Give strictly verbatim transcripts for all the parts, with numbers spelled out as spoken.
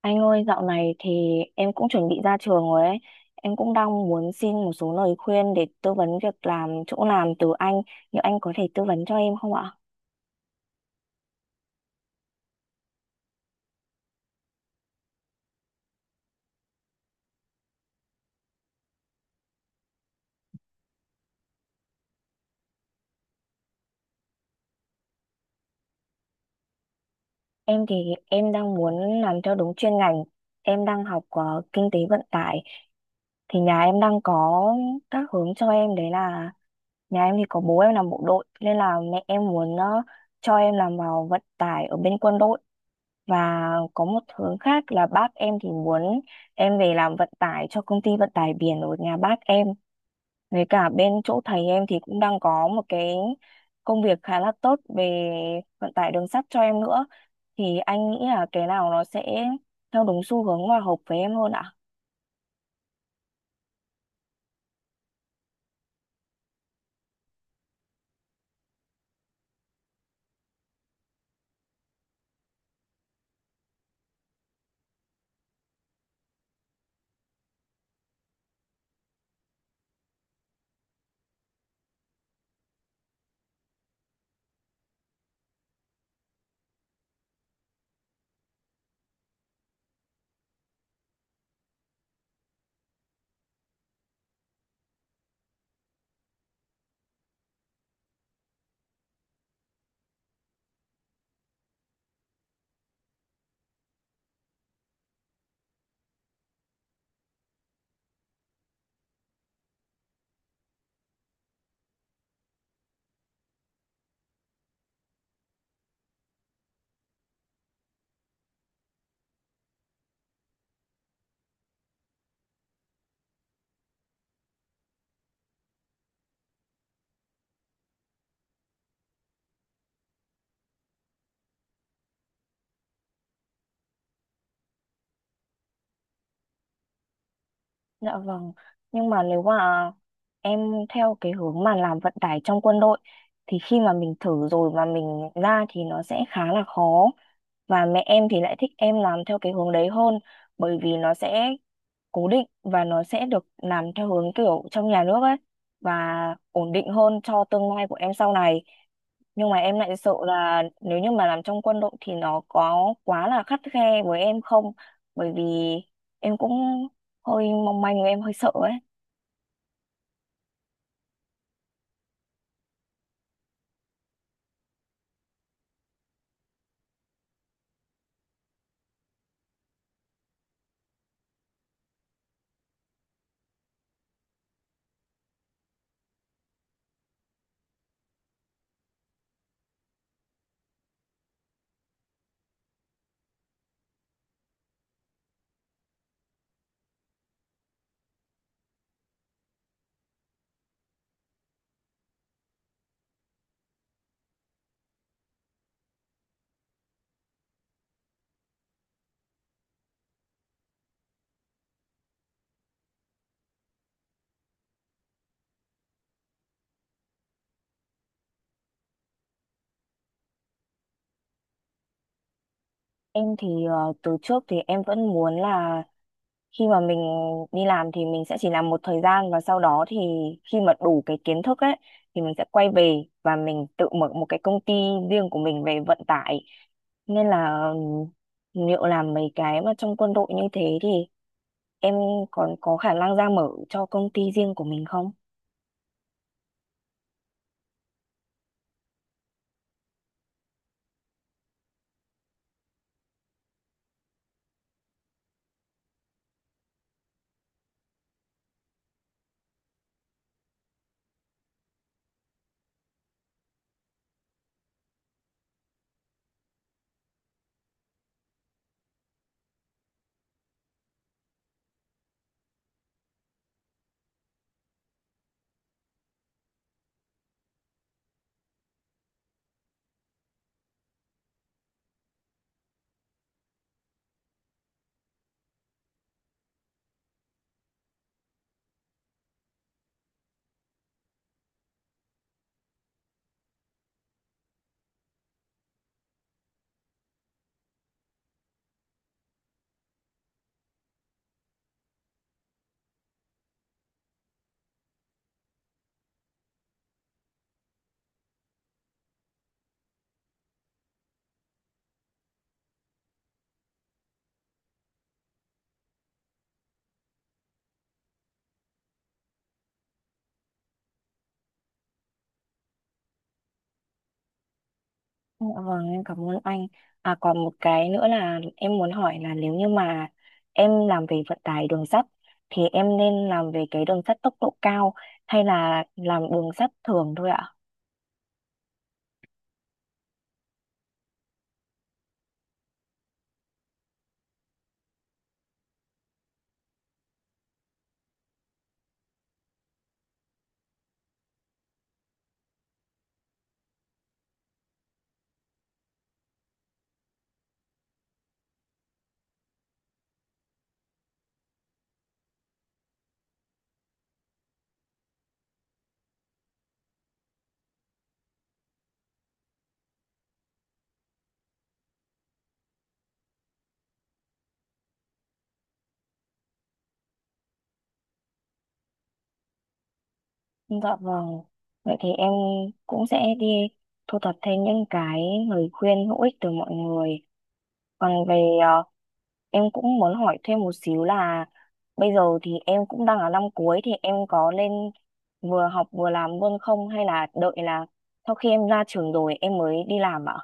Anh ơi, dạo này thì em cũng chuẩn bị ra trường rồi ấy. Em cũng đang muốn xin một số lời khuyên để tư vấn việc làm chỗ làm từ anh. Liệu anh có thể tư vấn cho em không ạ? Em thì em đang muốn làm theo đúng chuyên ngành. Em đang học ờ, kinh tế vận tải. Thì nhà em đang có các hướng cho em, đấy là nhà em thì có bố em làm bộ đội nên là mẹ em muốn ờ, cho em làm vào vận tải ở bên quân đội. Và có một hướng khác là bác em thì muốn em về làm vận tải cho công ty vận tải biển ở nhà bác em. Với cả bên chỗ thầy em thì cũng đang có một cái công việc khá là tốt về vận tải đường sắt cho em nữa. Thì anh nghĩ là cái nào nó sẽ theo đúng xu hướng và hợp với em hơn ạ? Dạ vâng. Nhưng mà nếu mà em theo cái hướng mà làm vận tải trong quân đội thì khi mà mình thử rồi mà mình ra thì nó sẽ khá là khó. Và mẹ em thì lại thích em làm theo cái hướng đấy hơn bởi vì nó sẽ cố định và nó sẽ được làm theo hướng kiểu trong nhà nước ấy, và ổn định hơn cho tương lai của em sau này. Nhưng mà em lại sợ là nếu như mà làm trong quân đội thì nó có quá là khắt khe với em không, bởi vì em cũng hơi mong manh, em hơi sợ ấy. Em thì ờ, từ trước thì em vẫn muốn là khi mà mình đi làm thì mình sẽ chỉ làm một thời gian, và sau đó thì khi mà đủ cái kiến thức ấy thì mình sẽ quay về và mình tự mở một cái công ty riêng của mình về vận tải. Nên là, ừm, liệu làm mấy cái mà trong quân đội như thế thì em còn có khả năng ra mở cho công ty riêng của mình không? Dạ vâng, em cảm ơn anh. À, còn một cái nữa là em muốn hỏi là nếu như mà em làm về vận tải đường sắt thì em nên làm về cái đường sắt tốc độ cao hay là làm đường sắt thường thôi ạ? Dạ vâng. Vậy thì em cũng sẽ đi thu thập thêm những cái lời khuyên hữu ích từ mọi người. Còn về ờ, em cũng muốn hỏi thêm một xíu là bây giờ thì em cũng đang ở năm cuối, thì em có lên vừa học vừa làm luôn không, hay là đợi là sau khi em ra trường rồi em mới đi làm ạ?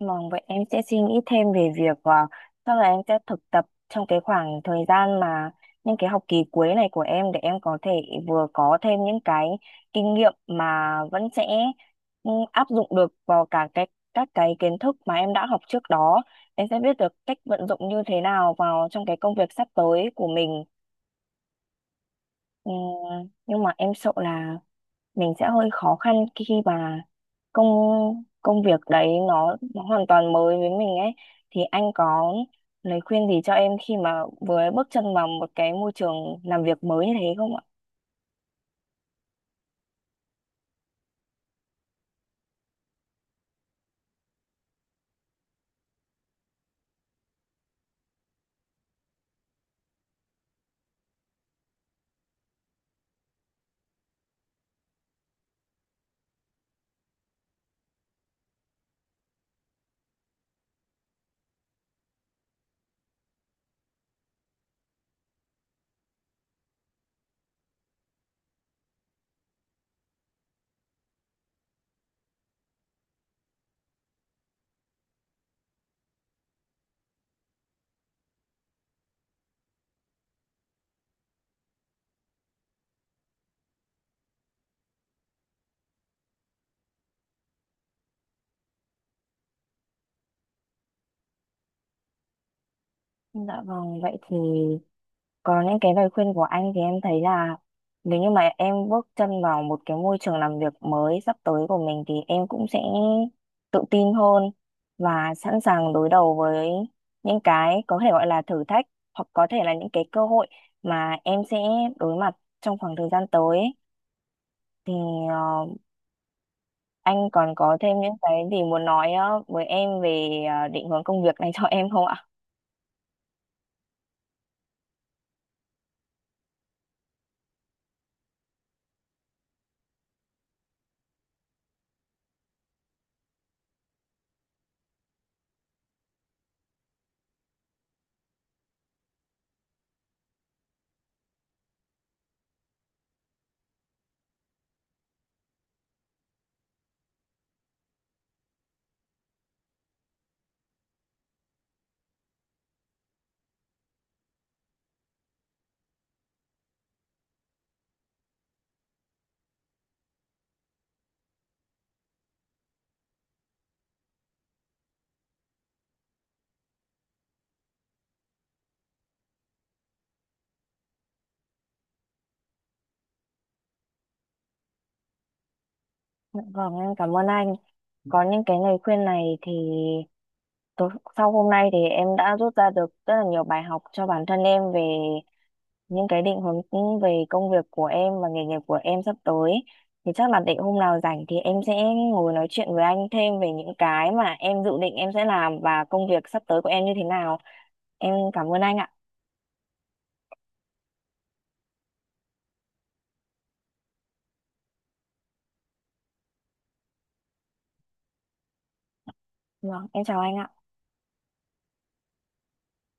Vâng, vậy em sẽ suy nghĩ thêm về việc uh, chắc là em sẽ thực tập trong cái khoảng thời gian mà những cái học kỳ cuối này của em, để em có thể vừa có thêm những cái kinh nghiệm mà vẫn sẽ ừ, áp dụng được vào cả cái các cái kiến thức mà em đã học trước đó. Em sẽ biết được cách vận dụng như thế nào vào trong cái công việc sắp tới của mình. Ừ, nhưng mà em sợ là mình sẽ hơi khó khăn khi khi mà công công việc đấy nó nó hoàn toàn mới với mình ấy, thì anh có lời khuyên gì cho em khi mà vừa bước chân vào một cái môi trường làm việc mới như thế không ạ? Dạ vâng, vậy thì. Còn những cái lời khuyên của anh thì em thấy là nếu như mà em bước chân vào một cái môi trường làm việc mới sắp tới của mình thì em cũng sẽ tự tin hơn và sẵn sàng đối đầu với những cái có thể gọi là thử thách, hoặc có thể là những cái cơ hội mà em sẽ đối mặt trong khoảng thời gian tới ấy. Thì ờ, anh còn có thêm những cái gì muốn nói ờ, với em về ờ, định hướng công việc này cho em không ạ? Vâng, em cảm ơn anh. Có những cái lời khuyên này thì Tối, sau hôm nay thì em đã rút ra được rất là nhiều bài học cho bản thân em về những cái định hướng về công việc của em và nghề nghiệp của em sắp tới. Thì chắc là để hôm nào rảnh thì em sẽ ngồi nói chuyện với anh thêm về những cái mà em dự định em sẽ làm và công việc sắp tới của em như thế nào. Em cảm ơn anh ạ. Vâng, em chào anh ạ.